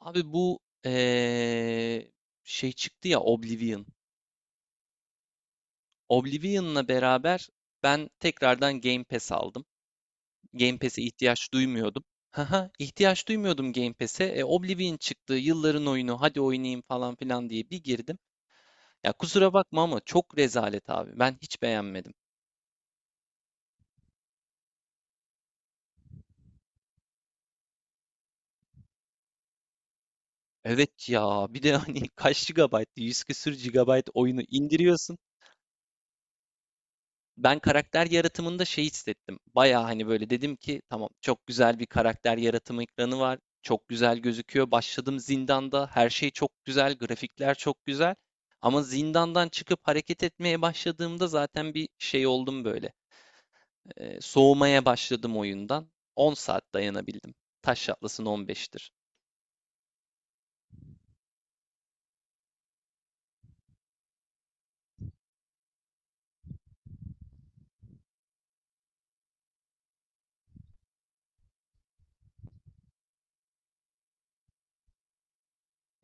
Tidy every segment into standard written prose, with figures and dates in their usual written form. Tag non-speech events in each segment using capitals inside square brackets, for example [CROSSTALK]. Abi bu şey çıktı ya Oblivion. Oblivion'la beraber ben tekrardan Game Pass aldım. Game Pass'e ihtiyaç duymuyordum. Haha, ihtiyaç duymuyordum Game Pass'e. E, Oblivion çıktı, yılların oyunu, hadi oynayayım falan filan diye bir girdim. Ya kusura bakma ama çok rezalet abi. Ben hiç beğenmedim. Evet ya, bir de hani [LAUGHS] kaç gigabayt, 100 küsür gigabayt oyunu indiriyorsun. Ben karakter yaratımında şey hissettim. Baya hani böyle dedim ki tamam çok güzel bir karakter yaratımı ekranı var. Çok güzel gözüküyor. Başladım zindanda. Her şey çok güzel. Grafikler çok güzel. Ama zindandan çıkıp hareket etmeye başladığımda zaten bir şey oldum böyle. Soğumaya başladım oyundan. 10 saat dayanabildim. Taş Atlas'ın 15'tir.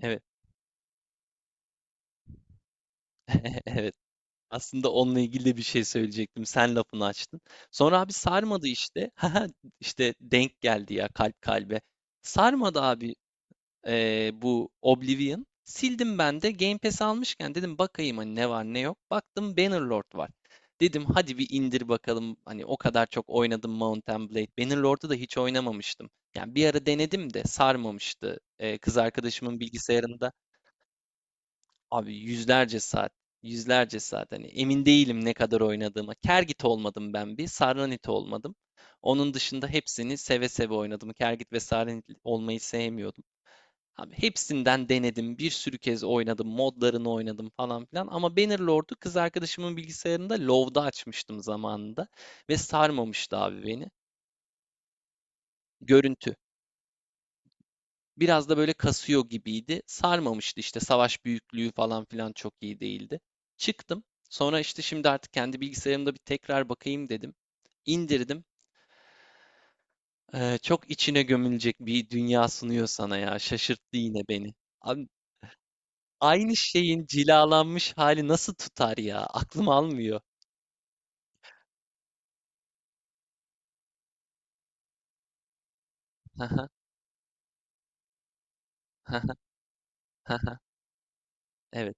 Evet. [LAUGHS] Evet. Aslında onunla ilgili de bir şey söyleyecektim. Sen lafını açtın. Sonra abi sarmadı işte. [LAUGHS] Haha, işte denk geldi ya kalp kalbe. Sarmadı abi bu Oblivion. Sildim ben de Game Pass almışken dedim bakayım hani ne var ne yok. Baktım Bannerlord var. Dedim hadi bir indir bakalım. Hani o kadar çok oynadım Mount and Blade. Bannerlord'u da hiç oynamamıştım. Yani bir ara denedim de sarmamıştı. Kız arkadaşımın bilgisayarında. Abi yüzlerce saat, yüzlerce saat. Hani emin değilim ne kadar oynadığıma. Kergit olmadım ben bir, Sarranit olmadım. Onun dışında hepsini seve seve oynadım. Kergit ve Sarranit olmayı sevmiyordum. Abi hepsinden denedim. Bir sürü kez oynadım. Modlarını oynadım falan filan. Ama Bannerlord'u kız arkadaşımın bilgisayarında LoW'da açmıştım zamanında. Ve sarmamıştı abi beni. Görüntü. Biraz da böyle kasıyor gibiydi. Sarmamıştı işte savaş büyüklüğü falan filan çok iyi değildi. Çıktım. Sonra işte şimdi artık kendi bilgisayarımda bir tekrar bakayım dedim. İndirdim. Çok içine gömülecek bir dünya sunuyor sana ya. Şaşırttı yine beni. Abi, aynı şeyin cilalanmış hali nasıl tutar ya? Aklım almıyor. [LAUGHS] Evet.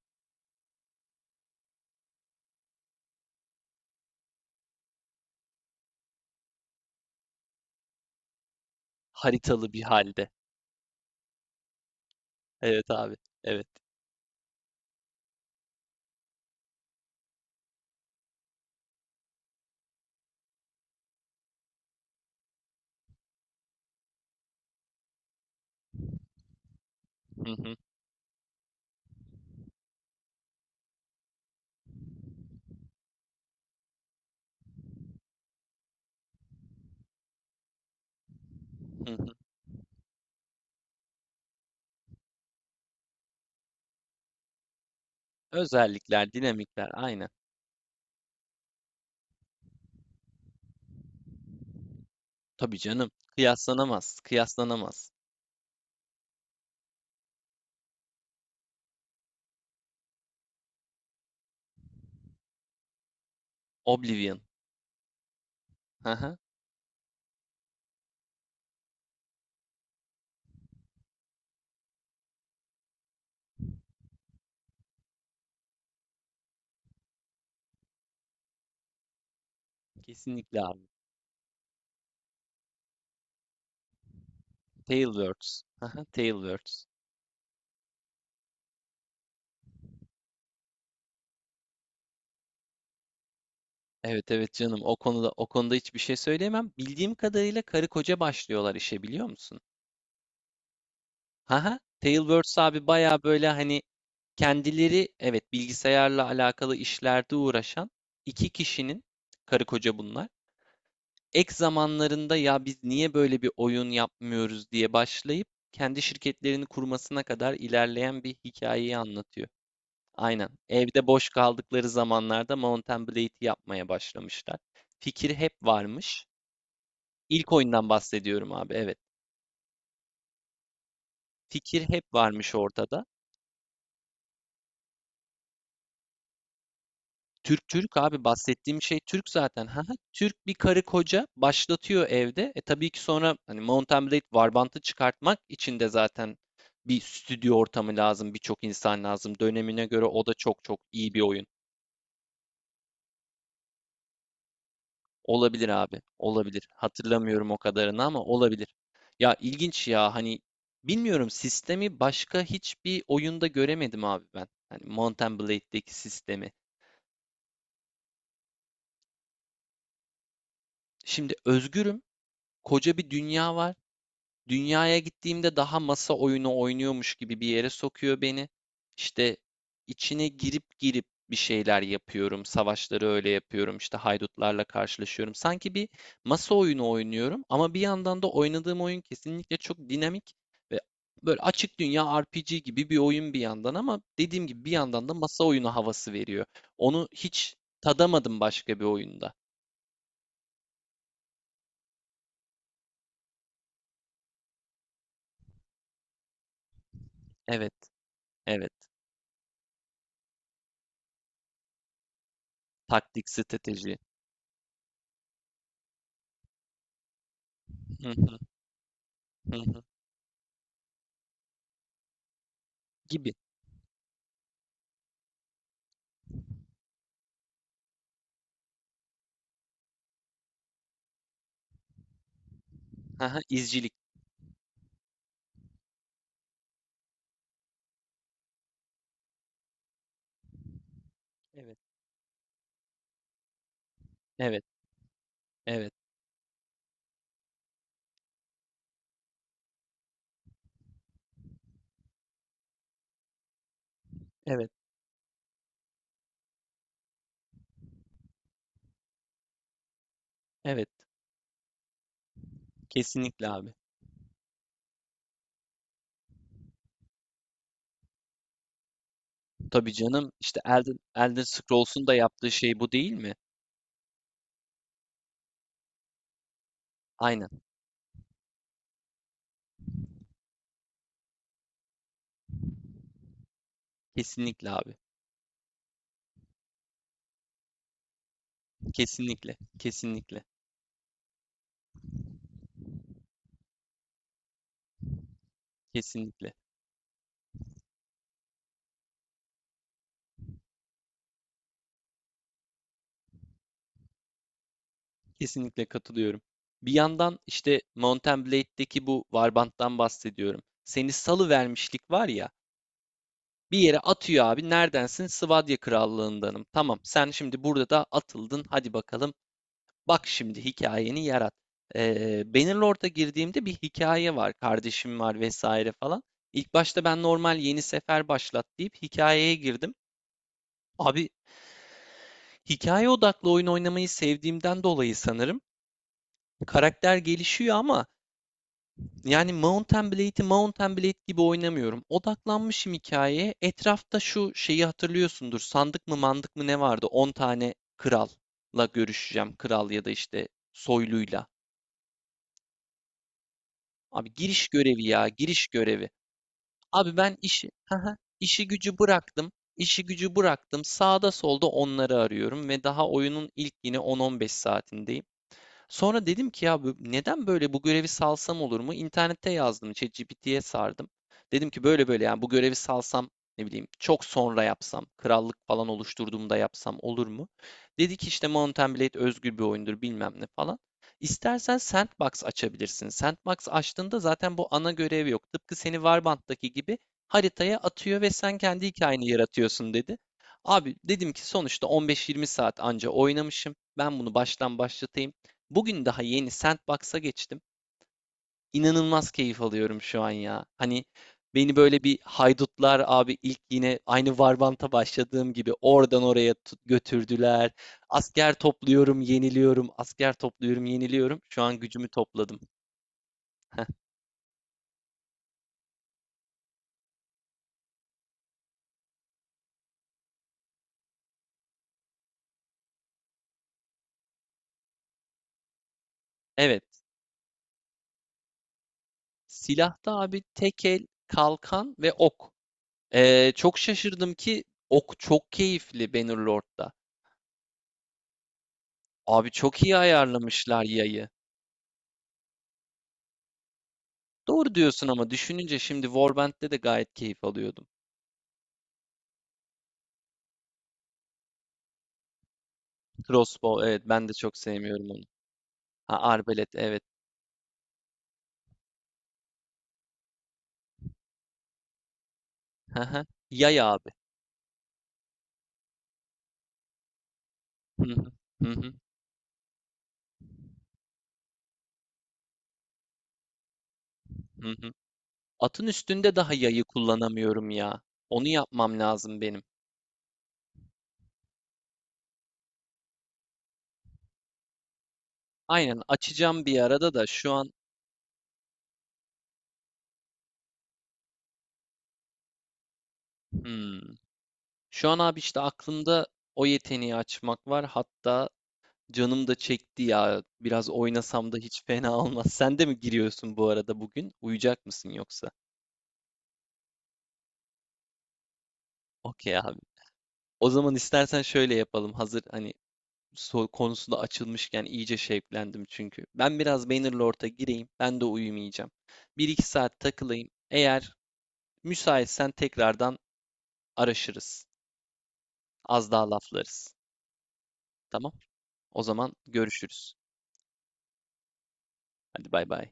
Haritalı bir halde. Evet abi. Evet. Hı hı, hı hı. Özellikler, dinamikler, aynen. Tabii canım. Kıyaslanamaz. Kıyaslanamaz. Oblivion. Haha, kesinlikle abi. Tailwords. Haha, Tailwords. Evet evet canım. O konuda o konuda hiçbir şey söyleyemem. Bildiğim kadarıyla karı koca başlıyorlar işe biliyor musun? Haha. Tailwords abi baya böyle hani kendileri evet bilgisayarla alakalı işlerde uğraşan iki kişinin karı koca bunlar. Ek zamanlarında ya biz niye böyle bir oyun yapmıyoruz diye başlayıp kendi şirketlerini kurmasına kadar ilerleyen bir hikayeyi anlatıyor. Aynen. Evde boş kaldıkları zamanlarda Mount Blade'i yapmaya başlamışlar. Fikir hep varmış. İlk oyundan bahsediyorum abi, evet. Fikir hep varmış ortada. Türk Türk abi bahsettiğim şey Türk zaten. Ha ha, Türk bir karı koca başlatıyor evde. E tabii ki sonra hani Mountain Blade Warband'ı çıkartmak için de zaten bir stüdyo ortamı lazım, birçok insan lazım. Dönemine göre o da çok çok iyi bir oyun. Olabilir abi, olabilir. Hatırlamıyorum o kadarını ama olabilir. Ya ilginç ya hani bilmiyorum sistemi başka hiçbir oyunda göremedim abi ben. Hani Mountain Blade'deki sistemi. Şimdi özgürüm, koca bir dünya var. Dünyaya gittiğimde daha masa oyunu oynuyormuş gibi bir yere sokuyor beni. İşte içine girip girip bir şeyler yapıyorum. Savaşları öyle yapıyorum. İşte haydutlarla karşılaşıyorum. Sanki bir masa oyunu oynuyorum ama bir yandan da oynadığım oyun kesinlikle çok dinamik ve böyle açık dünya R P G gibi bir oyun bir yandan ama dediğim gibi bir yandan da masa oyunu havası veriyor. Onu hiç tadamadım başka bir oyunda. Evet, evet. Taktik, strateji. Hı hı, hı hı. Gibi. Haha, izcilik. Evet, evet, evet, evet, evet. Kesinlikle abi. Tabii canım işte Elden, Elden Scrolls'un da yaptığı şey bu değil mi? Aynen. Kesinlikle abi. Kesinlikle, kesinlikle, kesinlikle, kesinlikle katılıyorum. Bir yandan işte Mount and Blade'deki bu Warband'dan bahsediyorum. Seni salı vermişlik var ya. Bir yere atıyor abi. Neredensin? Sivadya Krallığındanım. Tamam. Sen şimdi burada da atıldın. Hadi bakalım. Bak şimdi hikayeni yarat. Bannerlord'a girdiğimde bir hikaye var. Kardeşim var vesaire falan. İlk başta ben normal yeni sefer başlat deyip hikayeye girdim. Abi hikaye odaklı oyun oynamayı sevdiğimden dolayı sanırım karakter gelişiyor ama yani Mount and Blade'i Mount and Blade gibi oynamıyorum. Odaklanmışım hikayeye. Etrafta şu şeyi hatırlıyorsundur. Sandık mı mandık mı ne vardı? 10 tane kralla görüşeceğim. Kral ya da işte soyluyla. Abi giriş görevi ya, giriş görevi. Abi ben işi, haha, işi gücü bıraktım. İşi gücü bıraktım. Sağda solda onları arıyorum ve daha oyunun ilk yine 10-15 saatindeyim. Sonra dedim ki ya neden böyle bu görevi salsam olur mu? İnternette yazdım, ChatGPT'ye sardım. Dedim ki böyle böyle yani bu görevi salsam ne bileyim çok sonra yapsam, krallık falan oluşturduğumda yapsam olur mu? Dedi ki işte Mountain Blade özgür bir oyundur bilmem ne falan. İstersen Sandbox açabilirsin. Sandbox açtığında zaten bu ana görev yok. Tıpkı seni Warband'daki gibi haritaya atıyor ve sen kendi hikayeni yaratıyorsun dedi. Abi dedim ki sonuçta 15-20 saat anca oynamışım. Ben bunu baştan başlatayım. Bugün daha yeni Sandbox'a geçtim. İnanılmaz keyif alıyorum şu an ya. Hani beni böyle bir haydutlar abi ilk yine aynı Varbant'a başladığım gibi oradan oraya götürdüler. Asker topluyorum, yeniliyorum. Asker topluyorum, yeniliyorum. Şu an gücümü topladım. Heh. Evet. Silahta abi tek el, kalkan ve ok. Çok şaşırdım ki ok çok keyifli Bannerlord'da. Abi çok iyi ayarlamışlar yayı. Doğru diyorsun ama düşününce şimdi Warband'de de gayet keyif alıyordum. Crossbow evet ben de çok sevmiyorum onu. Ha arbalet evet. Haha. Yay abi. Hı hı, hı hı, hı hı. Atın üstünde daha yayı kullanamıyorum ya. Onu yapmam lazım benim. Aynen açacağım bir arada da şu an. Hmm. Şu an abi işte aklımda o yeteneği açmak var. Hatta canım da çekti ya. Biraz oynasam da hiç fena olmaz. Sen de mi giriyorsun bu arada bugün? Uyuyacak mısın yoksa? Okey abi. O zaman istersen şöyle yapalım. Hazır hani konusunda açılmışken iyice şevklendim çünkü. Ben biraz Bannerlord'a gireyim. Ben de uyumayacağım. Bir iki saat takılayım. Eğer müsaitsen tekrardan araşırız. Az daha laflarız. Tamam? O zaman görüşürüz. Hadi bay bay.